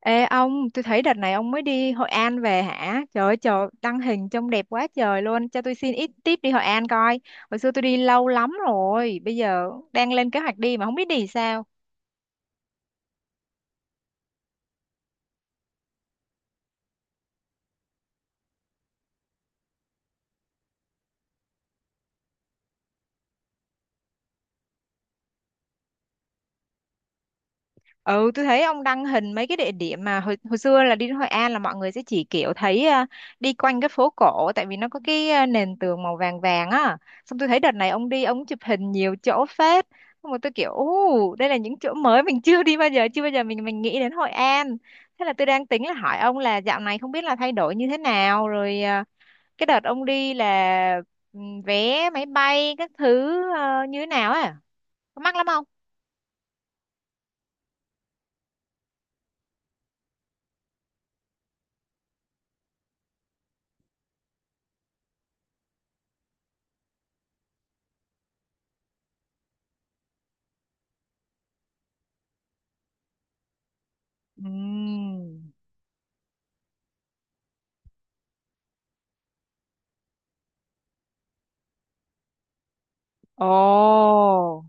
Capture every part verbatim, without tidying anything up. Ê ông, tôi thấy đợt này ông mới đi Hội An về hả? Trời ơi, trời, đăng hình trông đẹp quá trời luôn. Cho tôi xin ít tip đi Hội An coi. Hồi xưa tôi đi lâu lắm rồi, bây giờ đang lên kế hoạch đi mà không biết đi sao. Ừ, tôi thấy ông đăng hình mấy cái địa điểm mà hồi, hồi xưa là đi đến Hội An là mọi người sẽ chỉ kiểu thấy à, đi quanh cái phố cổ, tại vì nó có cái à, nền tường màu vàng vàng á. Xong tôi thấy đợt này ông đi ông chụp hình nhiều chỗ phết. Xong rồi tôi kiểu ú, đây là những chỗ mới mình chưa đi bao giờ, chưa bao giờ mình mình nghĩ đến Hội An. Thế là tôi đang tính là hỏi ông là dạo này không biết là thay đổi như thế nào rồi, à, cái đợt ông đi là ừ, vé máy bay các thứ ờ, như thế nào á. Có mắc lắm không? Ừm. Ồ,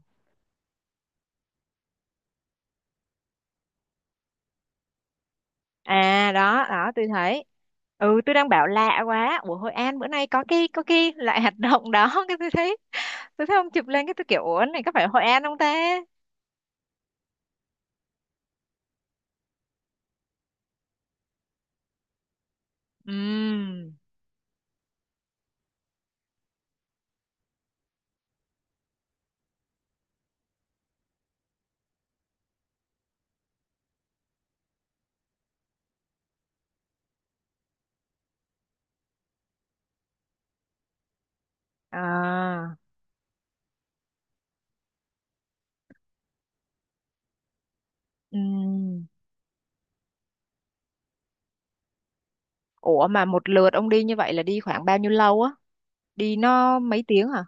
à đó, đó tôi thấy. Ừ, tôi đang bảo lạ quá. Ủa Hội An bữa nay có cái có cái loại hoạt động đó, cái tôi thấy tôi thấy ông chụp lên cái tôi kiểu ủa này có phải Hội An không ta? Ừm. À. Ừm. Ủa mà một lượt ông đi như vậy là đi khoảng bao nhiêu lâu á? Đi nó mấy tiếng hả?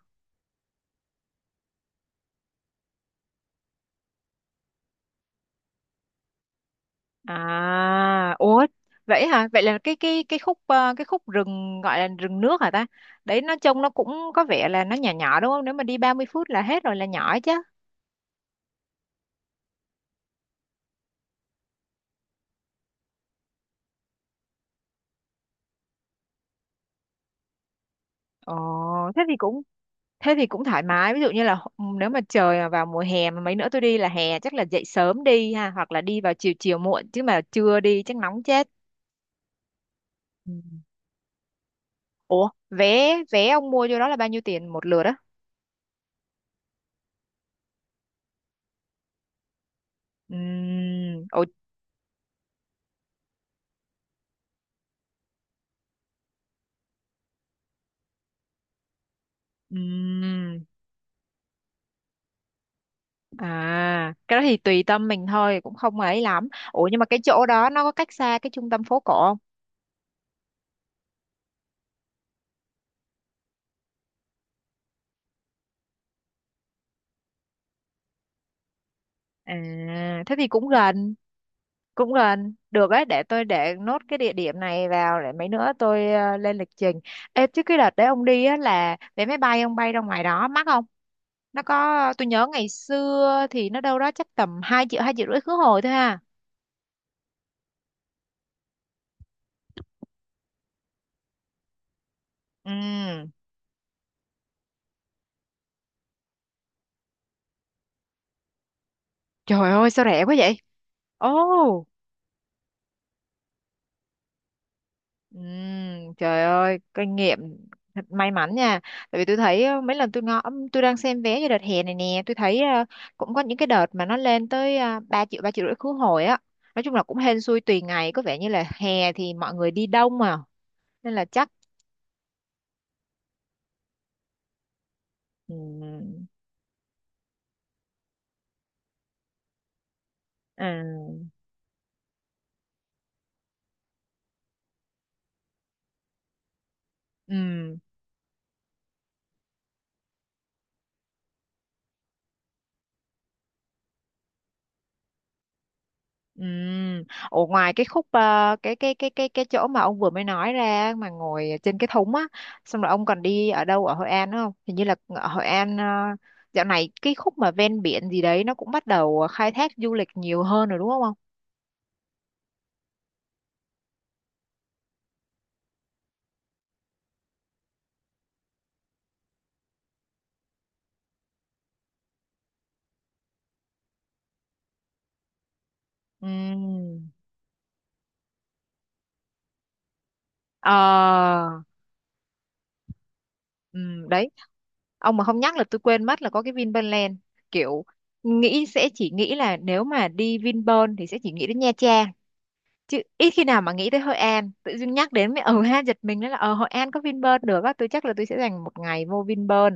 À, ủa vậy hả? Vậy là cái cái cái khúc, ờ, cái khúc rừng gọi là rừng nước hả ta? Đấy nó trông nó cũng có vẻ là nó nhỏ nhỏ đúng không? Nếu mà đi ba mươi phút là hết rồi là nhỏ chứ. Ồ, thế thì cũng thế thì cũng thoải mái. Ví dụ như là h- nếu mà trời mà vào mùa hè mà mấy nữa tôi đi là hè, chắc là dậy sớm đi ha, hoặc là đi vào chiều chiều muộn chứ mà trưa đi chắc nóng chết. Ừ. Ủa, vé vé ông mua vô đó là bao nhiêu tiền một lượt á? Ừm. Ồ. Ừm. À, cái đó thì tùy tâm mình thôi, cũng không ấy lắm. Ủa nhưng mà cái chỗ đó nó có cách xa cái trung tâm phố cổ không? À, thế thì cũng gần, cũng gần. Được đấy, để tôi để nốt cái địa điểm này vào để mấy nữa tôi ờ, lên lịch trình. Ê, chứ cái đợt đấy ông đi á là vé máy bay ông bay ra ngoài đó mắc không? Nó có, tôi nhớ ngày xưa thì nó đâu đó chắc tầm hai triệu, hai triệu rưỡi khứ hồi thôi ha. Ừ. Trời ơi sao rẻ quá vậy? Ồ. Ừm, trời ơi kinh nghiệm thật may mắn nha, tại vì tôi thấy ờ, mấy lần tôi ngó, tôi đang xem vé cho đợt hè này nè, tôi thấy ờ, cũng có những cái đợt mà nó lên tới uh, ba triệu, ba triệu rưỡi khứ hồi á. Nói chung là cũng hên xui tùy ngày, có vẻ như là hè thì mọi người đi đông mà, nên là chắc. Ừm. À. Ừm. Ừm. Ủa, ngoài cái khúc, ờ, cái cái cái cái cái chỗ mà ông vừa mới nói ra mà ngồi trên cái thúng á, xong rồi ông còn đi ở đâu ở Hội An đúng không? Hình như là ở Hội An ờ, dạo này cái khúc mà ven biển gì đấy nó cũng bắt đầu khai thác du lịch nhiều hơn rồi đúng không ông? Ừm. Ờ. Ừm, đấy. Ông mà không nhắc là tôi quên mất là có cái Vinpearl, kiểu nghĩ sẽ chỉ nghĩ là nếu mà đi Vinpearl thì sẽ chỉ nghĩ đến Nha Trang, chứ ít khi nào mà nghĩ tới Hội An. Tự dưng nhắc đến mới ừ ha, giật mình đó là ờ Hội An có Vinpearl được á. Tôi chắc là tôi sẽ dành một ngày vô Vinpearl,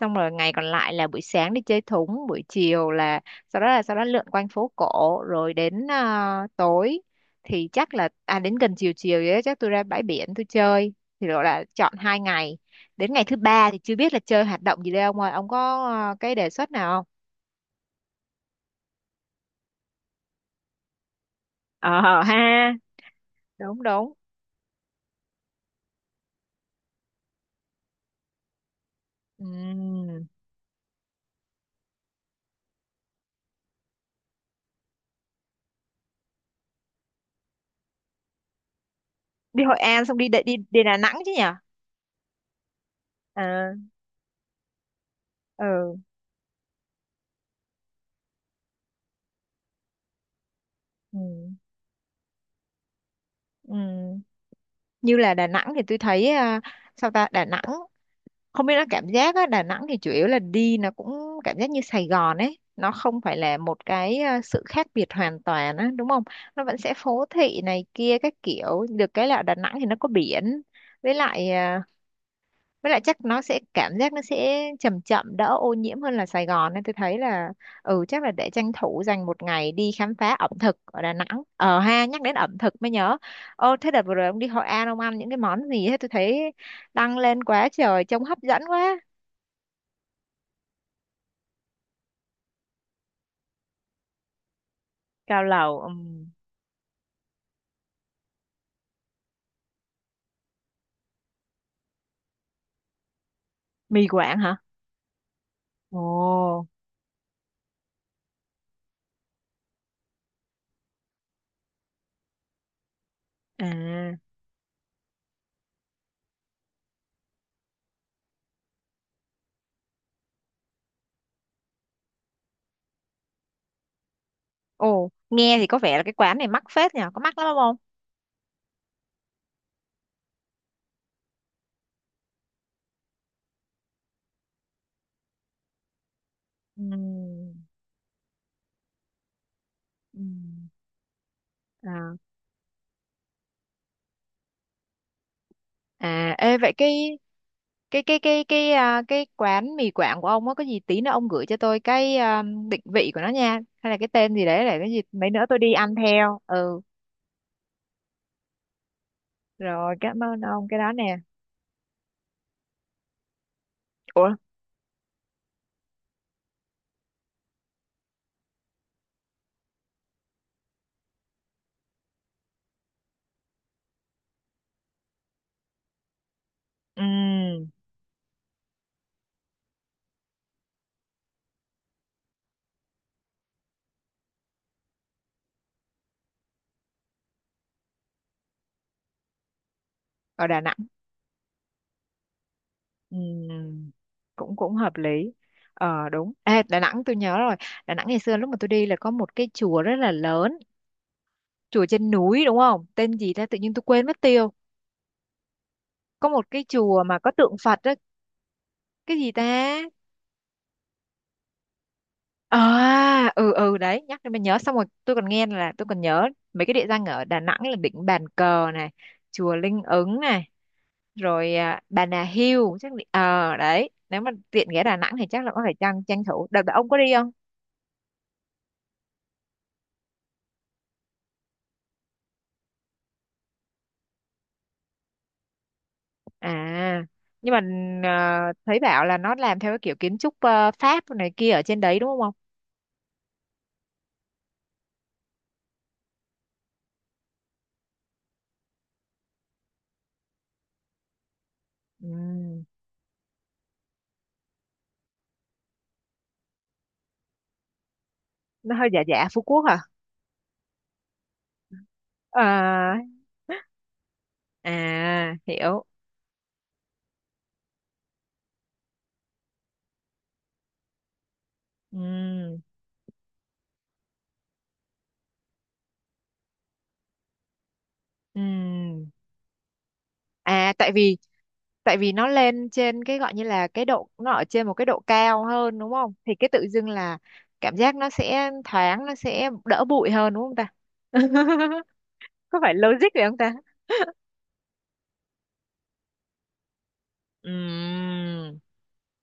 xong rồi ngày còn lại là buổi sáng đi chơi thúng, buổi chiều là sau đó là sau đó lượn quanh phố cổ rồi đến à, tối, thì chắc là à đến gần chiều chiều vậy đó, chắc tôi ra bãi biển tôi chơi, thì gọi là chọn hai ngày. Đến ngày thứ ba thì chưa biết là chơi hoạt động gì đây ông ơi, ông có à, cái đề xuất nào không? Ờ ha. Đúng đúng. Ừm. Đi Hội An xong đi đi đi Đà Nẵng chứ nhỉ. À. Ờ. Ừ. Ừ. Như là Đà Nẵng thì tôi thấy à, sao ta Đà Nẵng không biết nó cảm giác á, Đà Nẵng thì chủ yếu là đi nó cũng cảm giác như Sài Gòn ấy, nó không phải là một cái à, sự khác biệt hoàn toàn á, đúng không? Nó vẫn sẽ phố thị này kia các kiểu, được cái là ở Đà Nẵng thì nó có biển, với lại à, với lại chắc nó sẽ cảm giác nó sẽ chậm chậm đỡ ô nhiễm hơn là Sài Gòn, nên tôi thấy là ừ chắc là để tranh thủ dành một ngày đi khám phá ẩm thực ở Đà Nẵng. Ờ ha, nhắc đến ẩm thực mới nhớ. Ô thế đợt vừa rồi ông đi Hội An ông ăn những cái món gì hết, tôi thấy đăng lên quá trời trông hấp dẫn quá. Cao lầu. Ừm. Mì Quảng hả? Ồ. À. Ồ, nghe thì có vẻ là cái quán này mắc phết nhỉ, có mắc lắm không? Ừm. Ừm. À. À. Ê, vậy cái cái cái cái cái à, cái quán mì Quảng của ông á có gì tí nữa ông gửi cho tôi cái à, định vị của nó nha, hay là cái tên gì đấy để cái gì mấy nữa tôi đi ăn theo. Ừ, rồi cảm ơn ông cái đó nè. Ủa. Ừm. Ở Đà Nẵng. Ừm, cũng cũng hợp lý. Ờ đúng. Ê, Đà Nẵng tôi nhớ rồi. Đà Nẵng ngày xưa lúc mà tôi đi là có một cái chùa rất là lớn, chùa trên núi đúng không, tên gì ta tự nhiên tôi quên mất tiêu, có một cái chùa mà có tượng Phật á, cái gì ta? À, ừ ừ đấy, nhắc đến mình nhớ, xong rồi tôi còn nghe là tôi còn nhớ mấy cái địa danh ở Đà Nẵng là đỉnh Bàn Cờ này, chùa Linh Ứng này, rồi à, Bà Nà Hill chắc định- ờ đấy, nếu mà tiện ghé Đà Nẵng thì chắc là có phải tranh tranh thủ. Đợt đó ông có đi không? À, nhưng mà à, thấy bảo là nó làm theo cái kiểu kiến trúc à, Pháp này kia ở trên đấy đúng không? Ừ, nó hơi giả giả Phú Quốc hả? À. Ờ. À hiểu. Ừ. Ừ. À tại vì tại vì nó lên trên cái gọi như là cái độ, nó ở trên một cái độ cao hơn đúng không, thì cái tự dưng là cảm giác nó sẽ thoáng, nó sẽ đỡ bụi hơn đúng không ta? Có phải logic vậy không? Ừm,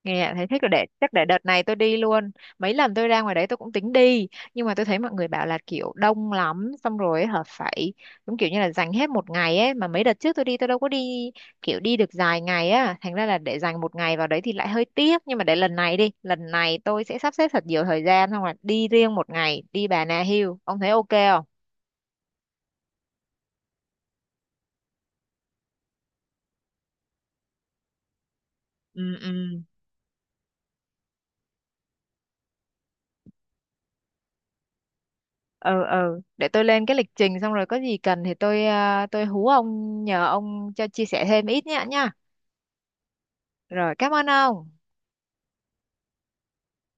nghe thấy thích rồi, để chắc để đợt này tôi đi luôn. Mấy lần tôi ra ngoài đấy tôi cũng tính đi, nhưng mà tôi thấy mọi người bảo là kiểu đông lắm, xong rồi ấy hả, phải đúng kiểu như là dành hết một ngày ấy, mà mấy đợt trước tôi đi tôi đâu có đi kiểu đi được dài ngày á, thành ra là để dành một ngày vào đấy thì lại hơi tiếc. Nhưng mà để lần này đi, lần này tôi sẽ sắp xếp thật nhiều thời gian xong rồi đi riêng một ngày đi Bà Nà Hills, ông thấy ok không? Ừ. Ừ. Ừ. Ừ. Để tôi lên cái lịch trình xong rồi có gì cần thì tôi à, tôi hú ông nhờ ông cho chia sẻ thêm ít nhá nhá. Rồi cảm ơn ông.